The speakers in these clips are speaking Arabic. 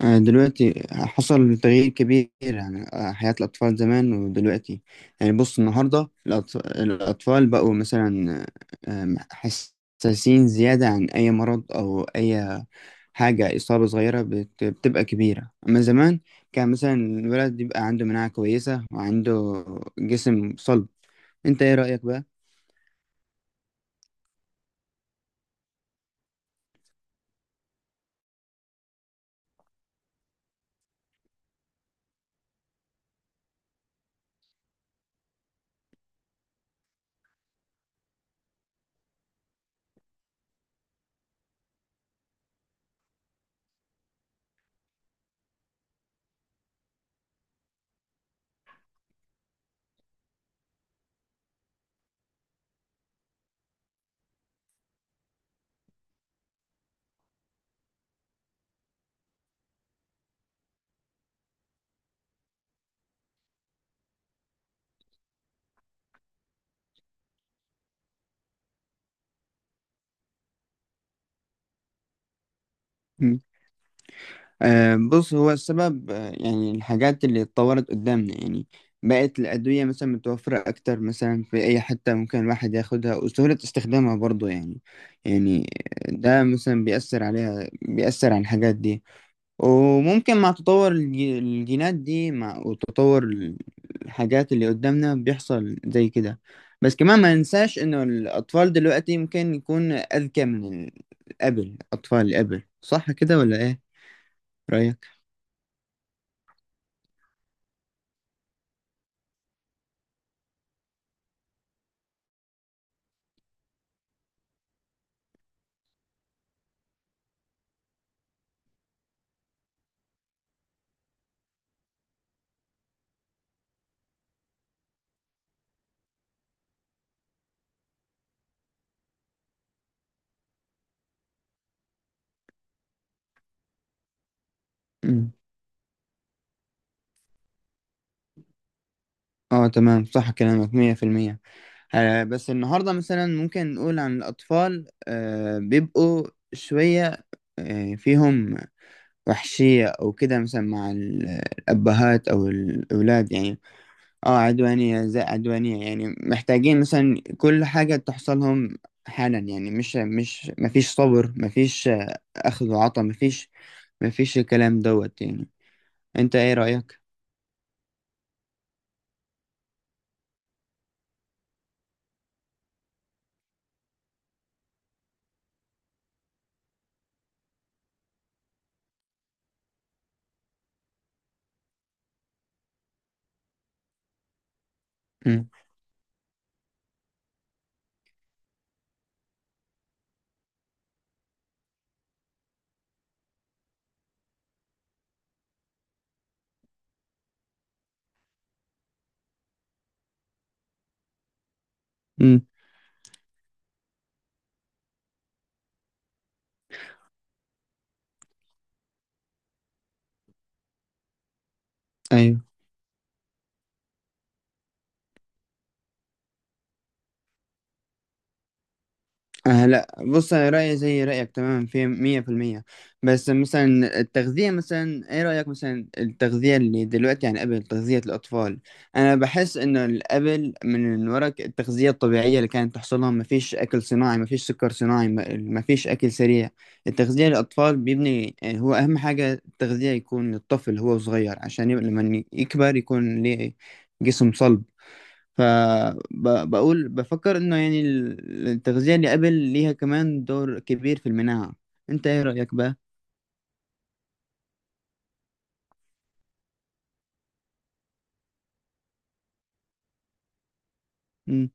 دلوقتي حصل تغيير كبير يعني، حياة الأطفال زمان ودلوقتي. يعني بص، النهاردة الأطفال بقوا مثلا حساسين زيادة عن أي مرض أو أي حاجة. إصابة صغيرة بتبقى كبيرة، أما زمان كان مثلا الولد يبقى عنده مناعة كويسة وعنده جسم صلب. أنت إيه رأيك بقى؟ بص، هو السبب، يعني الحاجات اللي اتطورت قدامنا، يعني بقت الأدوية مثلا متوفرة أكتر، مثلا في أي حتة ممكن الواحد ياخدها، وسهولة استخدامها برضو يعني. يعني ده مثلا بيأثر عليها، بيأثر على الحاجات دي. وممكن مع تطور الجينات دي، مع وتطور الحاجات اللي قدامنا، بيحصل زي كده. بس كمان ما ننساش إنه الأطفال دلوقتي ممكن يكون أذكى من قبل، أطفال قبل، صح كده ولا إيه رأيك؟ مم. اه تمام، صح كلامك، 100%. بس النهاردة مثلا ممكن نقول عن الأطفال آه بيبقوا شوية آه فيهم وحشية أو كده، مثلا مع الأبهات أو الأولاد يعني. اه عدوانية، زي عدوانية، يعني محتاجين مثلا كل حاجة تحصلهم حالا يعني. مش مفيش صبر، مفيش أخذ وعطا، مفيش مفيش الكلام دوت يعني. أنت إيه رأيك؟ مم. مم. أيوه. آه لا بص، انا رايي زي رايك تماما، في 100%. بس مثلا التغذيه، مثلا ايه رايك مثلا؟ التغذيه اللي دلوقتي عن قبل، تغذيه الاطفال، انا بحس ان قبل من ورا التغذيه الطبيعيه اللي كانت تحصلها، ما فيش اكل صناعي، ما فيش سكر صناعي، ما فيش اكل سريع. التغذيه للاطفال بيبني، هو اهم حاجه التغذيه يكون للطفل هو صغير، عشان يبقى لما يكبر يكون ليه جسم صلب. فبقول بفكر انه يعني التغذية اللي قبل ليها كمان دور كبير في المناعة. انت ايه رأيك بقى؟ امم.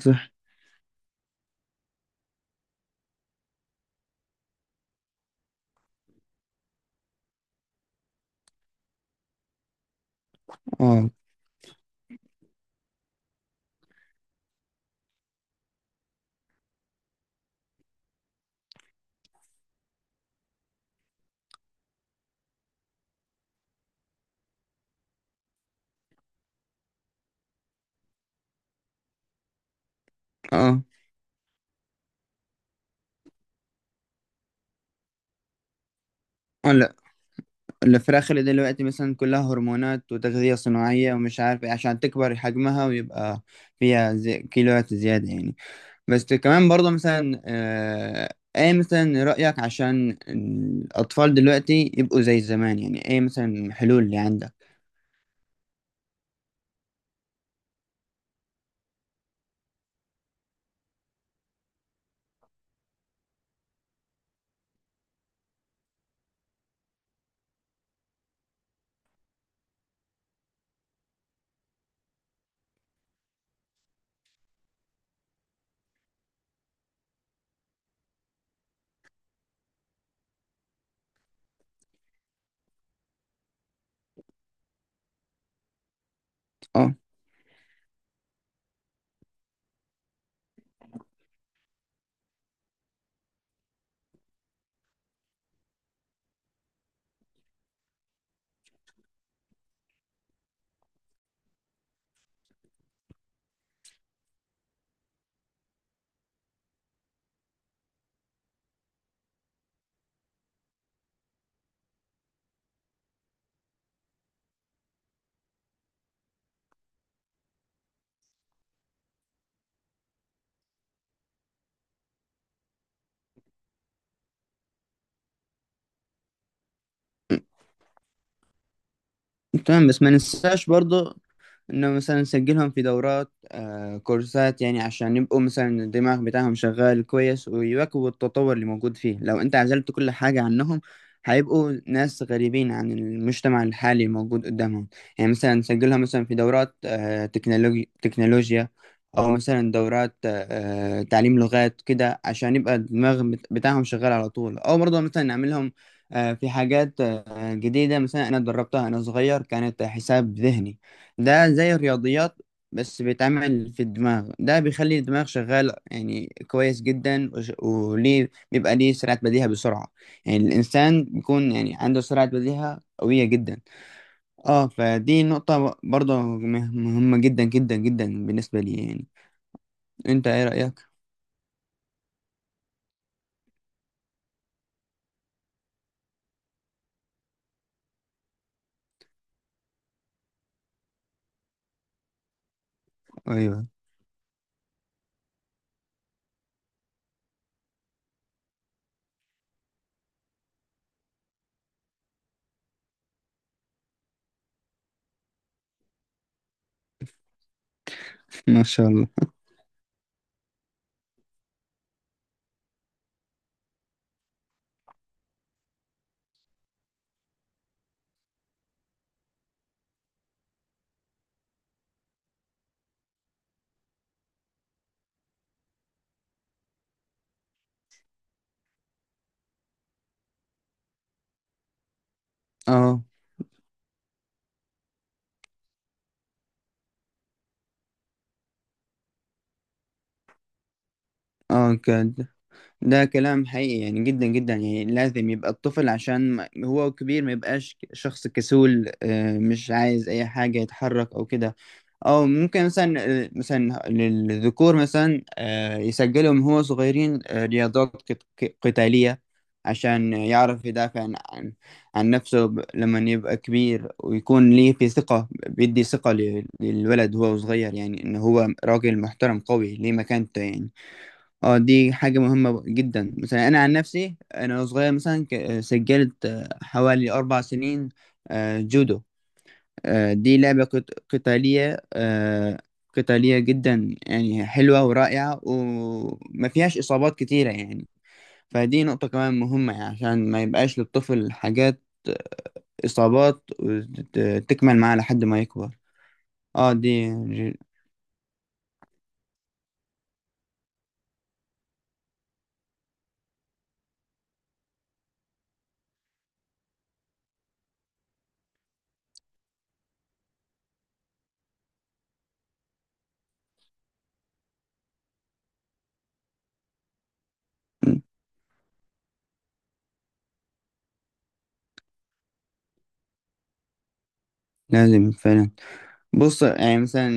صح. اه. اه. اه لا، الفراخ اللي دلوقتي مثلا كلها هرمونات وتغذية صناعية ومش عارف ايه، عشان تكبر حجمها ويبقى فيها زي كيلوات زيادة يعني. بس كمان برضه مثلا آه ايه مثلا رأيك؟ عشان الأطفال دلوقتي يبقوا زي زمان، يعني ايه مثلا الحلول اللي عندك؟ آه. تمام، بس ما ننساش برضو انه مثلا نسجلهم في دورات، آه كورسات، يعني عشان يبقوا مثلا الدماغ بتاعهم شغال كويس، ويواكبوا التطور اللي موجود فيه. لو انت عزلت كل حاجة عنهم، هيبقوا ناس غريبين عن المجتمع الحالي الموجود قدامهم. يعني مثلا نسجلهم مثلا في دورات آه تكنولوجيا، او مثلا دورات آه تعليم لغات كده، عشان يبقى الدماغ بتاعهم شغال على طول. او برضه مثلا نعملهم في حاجات جديدة. مثلا أنا دربتها أنا صغير، كانت حساب ذهني، ده زي الرياضيات، بس بيتعمل في الدماغ ده، بيخلي الدماغ شغال يعني كويس جدا، وليه بيبقى ليه سرعة بديهة، بسرعة يعني، الإنسان بيكون يعني عنده سرعة بديهة قوية جدا. اه فدي نقطة برضه مهمة جدا جدا جدا بالنسبة لي يعني. أنت إيه رأيك؟ أيوه. ما شاء الله. اه. اه كده. ده كلام حقيقي يعني، جدا جدا، يعني لازم يبقى الطفل عشان هو كبير ما يبقاش شخص كسول، مش عايز اي حاجة، يتحرك او كده. او ممكن مثلا مثلا للذكور مثلا يسجلوا من هو صغيرين رياضات قتالية، عشان يعرف يدافع عن عن نفسه. لما يبقى كبير ويكون ليه في ثقة، بيدي ثقة للولد وهو صغير، يعني ان هو راجل محترم قوي ليه مكانته يعني. اه دي حاجة مهمة جدا. مثلا أنا عن نفسي، أنا وأنا صغير مثلا سجلت حوالي 4 سنين جودو. دي لعبة قتالية، قتالية جدا، يعني حلوة ورائعة وما فيهاش إصابات كتيرة يعني. فدي نقطة كمان مهمة، يعني عشان ما يبقاش للطفل حاجات، آه، إصابات وتكمل معاه لحد ما يكبر. اه ج- لازم فعلا. بص يعني مثلا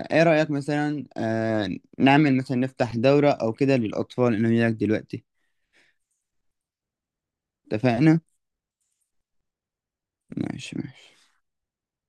ايه رأيك مثلا نعمل مثلا، نفتح دورة او كده للأطفال اللي هناك دلوقتي؟ اتفقنا. ماشي ماشي.